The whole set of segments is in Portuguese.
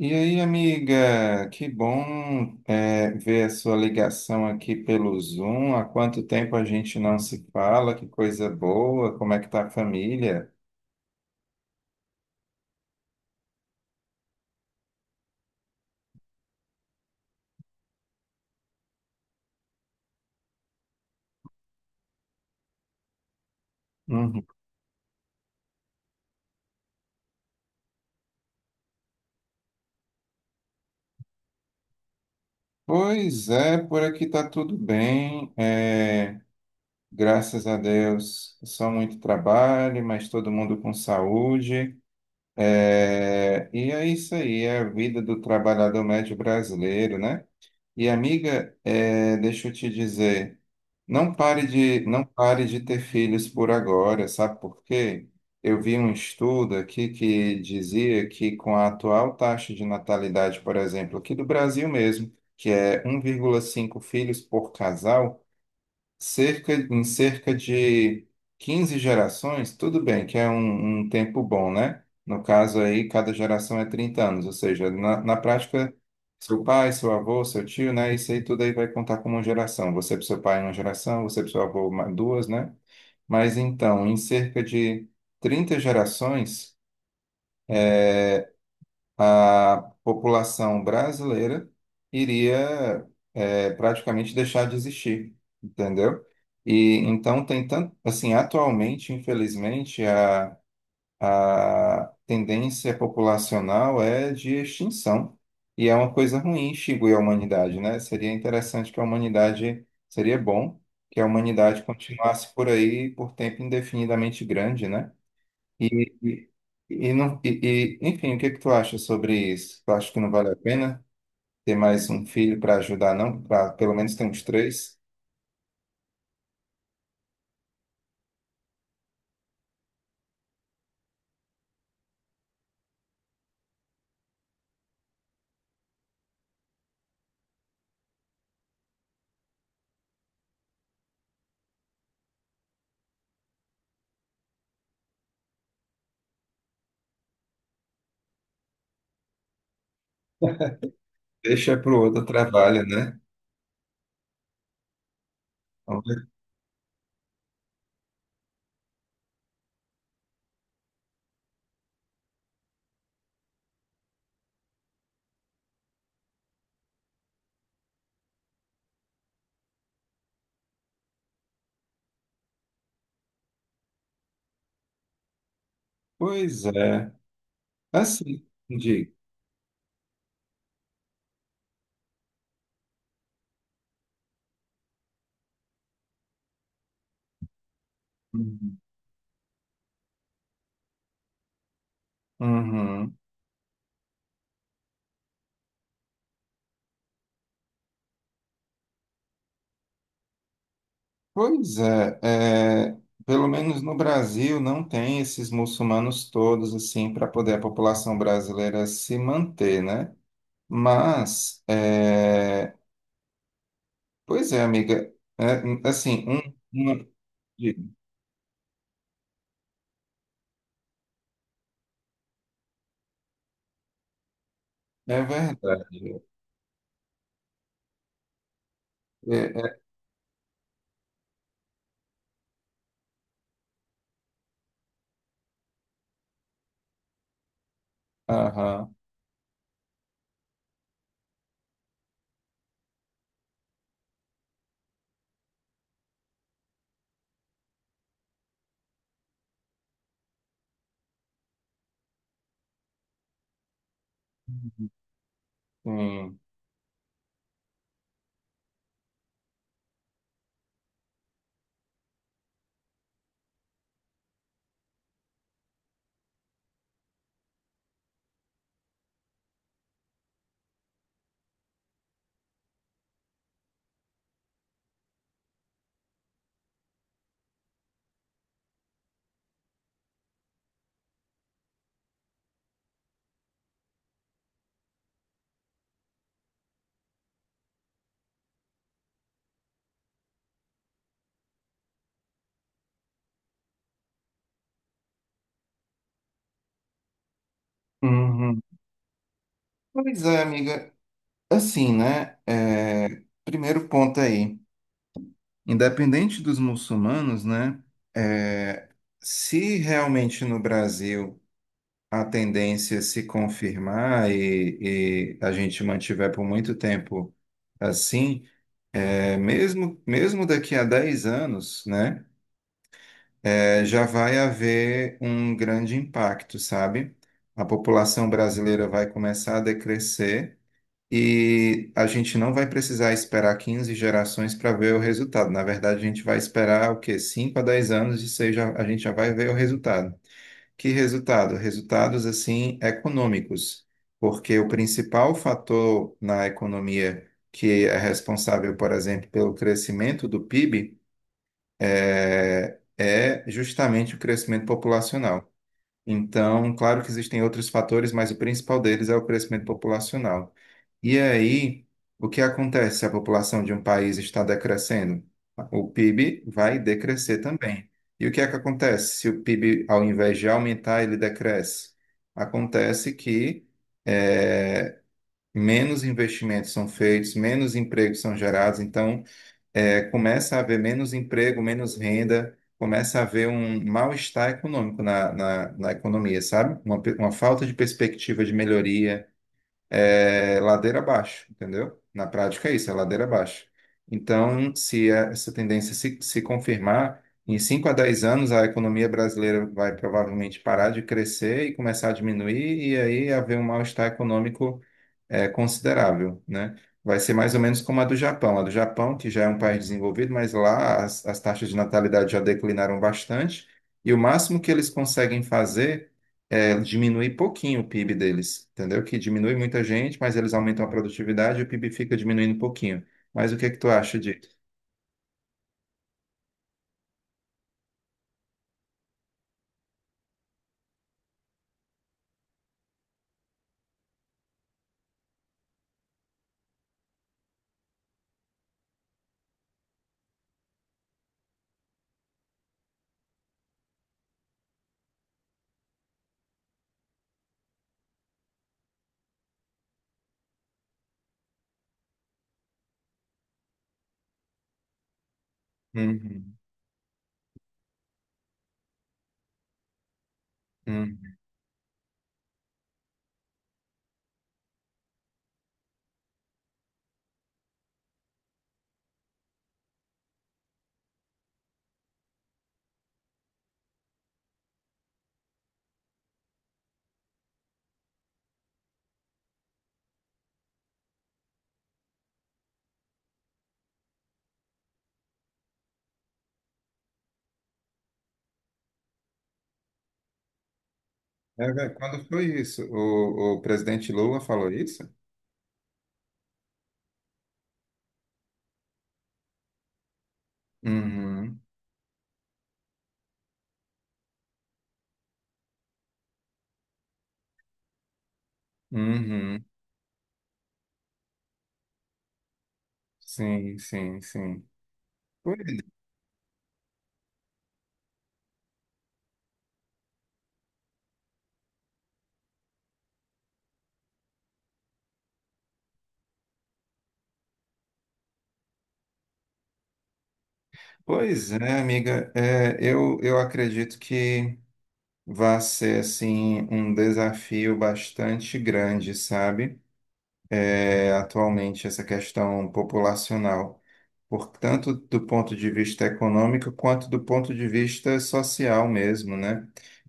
E aí, amiga, que bom é ver a sua ligação aqui pelo Zoom. Há quanto tempo a gente não se fala? Que coisa boa! Como é que tá a família? Uhum. Pois é, por aqui tá tudo bem. Graças a Deus, só muito trabalho, mas todo mundo com saúde. E é isso aí, é a vida do trabalhador médio brasileiro, né? E amiga, deixa eu te dizer, não pare de ter filhos por agora, sabe por quê? Eu vi um estudo aqui que dizia que com a atual taxa de natalidade, por exemplo, aqui do Brasil mesmo, que é 1,5 filhos por casal, em cerca de 15 gerações, tudo bem, que é um tempo bom, né? No caso aí, cada geração é 30 anos, ou seja, na prática, seu pai, seu avô, seu tio, né? Isso aí tudo aí vai contar como uma geração. Você para seu pai é uma geração, você para seu avô duas, né? Mas então, em cerca de 30 gerações, a população brasileira iria praticamente deixar de existir, entendeu? E então tem tanto, assim, atualmente, infelizmente, a tendência populacional é de extinção. E é uma coisa ruim extinguir a humanidade, né? Seria interessante que a humanidade, seria bom que a humanidade continuasse por aí por tempo indefinidamente grande, né? E, e, e não, e, enfim, o que que tu acha sobre isso? Tu acha que não vale a pena ter mais um filho para ajudar, não? Para pelo menos ter uns três? Deixa para o outro trabalho, né? Pois é. Assim, digo. Uhum. Uhum. Pois é, é, pelo menos no Brasil não tem esses muçulmanos todos assim para poder a população brasileira se manter, né? Mas, pois é, amiga, assim. É verdade. É, é, aham. Sim. Uhum. Uhum. Pois é, amiga. Assim, né? Primeiro ponto aí. Independente dos muçulmanos, né? é, Se realmente no Brasil a tendência é se confirmar e a gente mantiver por muito tempo assim, mesmo daqui a 10 anos, né? Já vai haver um grande impacto, sabe? A população brasileira vai começar a decrescer e a gente não vai precisar esperar 15 gerações para ver o resultado. Na verdade, a gente vai esperar o quê? 5 a dez anos e seja, a gente já vai ver o resultado. Que resultado? Resultados assim econômicos, porque o principal fator na economia que é responsável, por exemplo, pelo crescimento do PIB é justamente o crescimento populacional. Então, claro que existem outros fatores, mas o principal deles é o crescimento populacional. E aí, o que acontece se a população de um país está decrescendo? O PIB vai decrescer também. E o que é que acontece se o PIB, ao invés de aumentar, ele decresce? Acontece que eh, menos investimentos são feitos, menos empregos são gerados, então começa a haver menos emprego, menos renda, começa a haver um mal-estar econômico na economia, sabe? Uma falta de perspectiva de melhoria é ladeira abaixo, entendeu? Na prática é isso, é ladeira abaixo. Então, se essa tendência se confirmar, em 5 a 10 anos a economia brasileira vai provavelmente parar de crescer e começar a diminuir, e aí haver um mal-estar econômico considerável, né? Vai ser mais ou menos como a do Japão. A do Japão, que já é um país desenvolvido, mas lá as taxas de natalidade já declinaram bastante, e o máximo que eles conseguem fazer diminui pouquinho o PIB deles, entendeu? Que diminui muita gente, mas eles aumentam a produtividade e o PIB fica diminuindo um pouquinho. Mas o que é que tu acha disso? Uhum, uhum. É, velho, quando foi isso? O presidente Lula falou isso? Uhum, uhum. Sim, sim, sim. Pois pois é, amiga. É, eu acredito que vai ser, assim, um desafio bastante grande, sabe? É, atualmente, essa questão populacional. Por tanto do ponto de vista econômico quanto do ponto de vista social mesmo, né?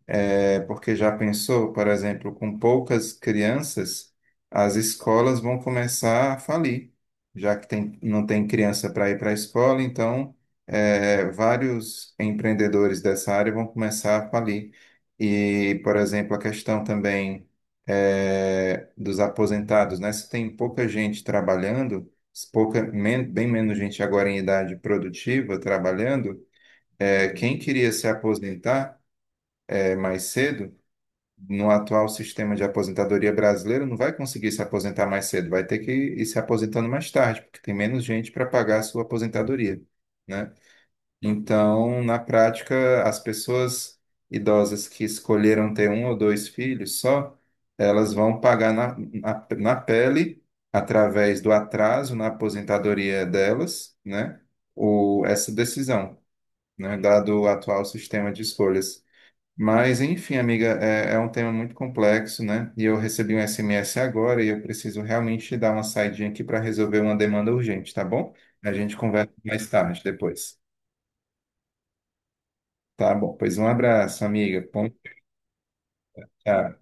É, porque já pensou, por exemplo, com poucas crianças, as escolas vão começar a falir, já que tem, não tem criança para ir para a escola, então vários empreendedores dessa área vão começar a falir. E, por exemplo, a questão também dos aposentados, né? Se tem pouca gente trabalhando bem menos gente agora em idade produtiva trabalhando, quem queria se aposentar mais cedo, no atual sistema de aposentadoria brasileiro, não vai conseguir se aposentar mais cedo, vai ter que ir se aposentando mais tarde, porque tem menos gente para pagar a sua aposentadoria, né? Então, na prática, as pessoas idosas que escolheram ter um ou dois filhos só, elas vão pagar na pele, através do atraso na aposentadoria delas, né, o, essa decisão, né, dado o atual sistema de escolhas. Mas, enfim, amiga, é um tema muito complexo, né? E eu recebi um SMS agora e eu preciso realmente dar uma saidinha aqui para resolver uma demanda urgente, tá bom? A gente conversa mais tarde, depois. Tá bom, pois um abraço, amiga. Bom, tchau.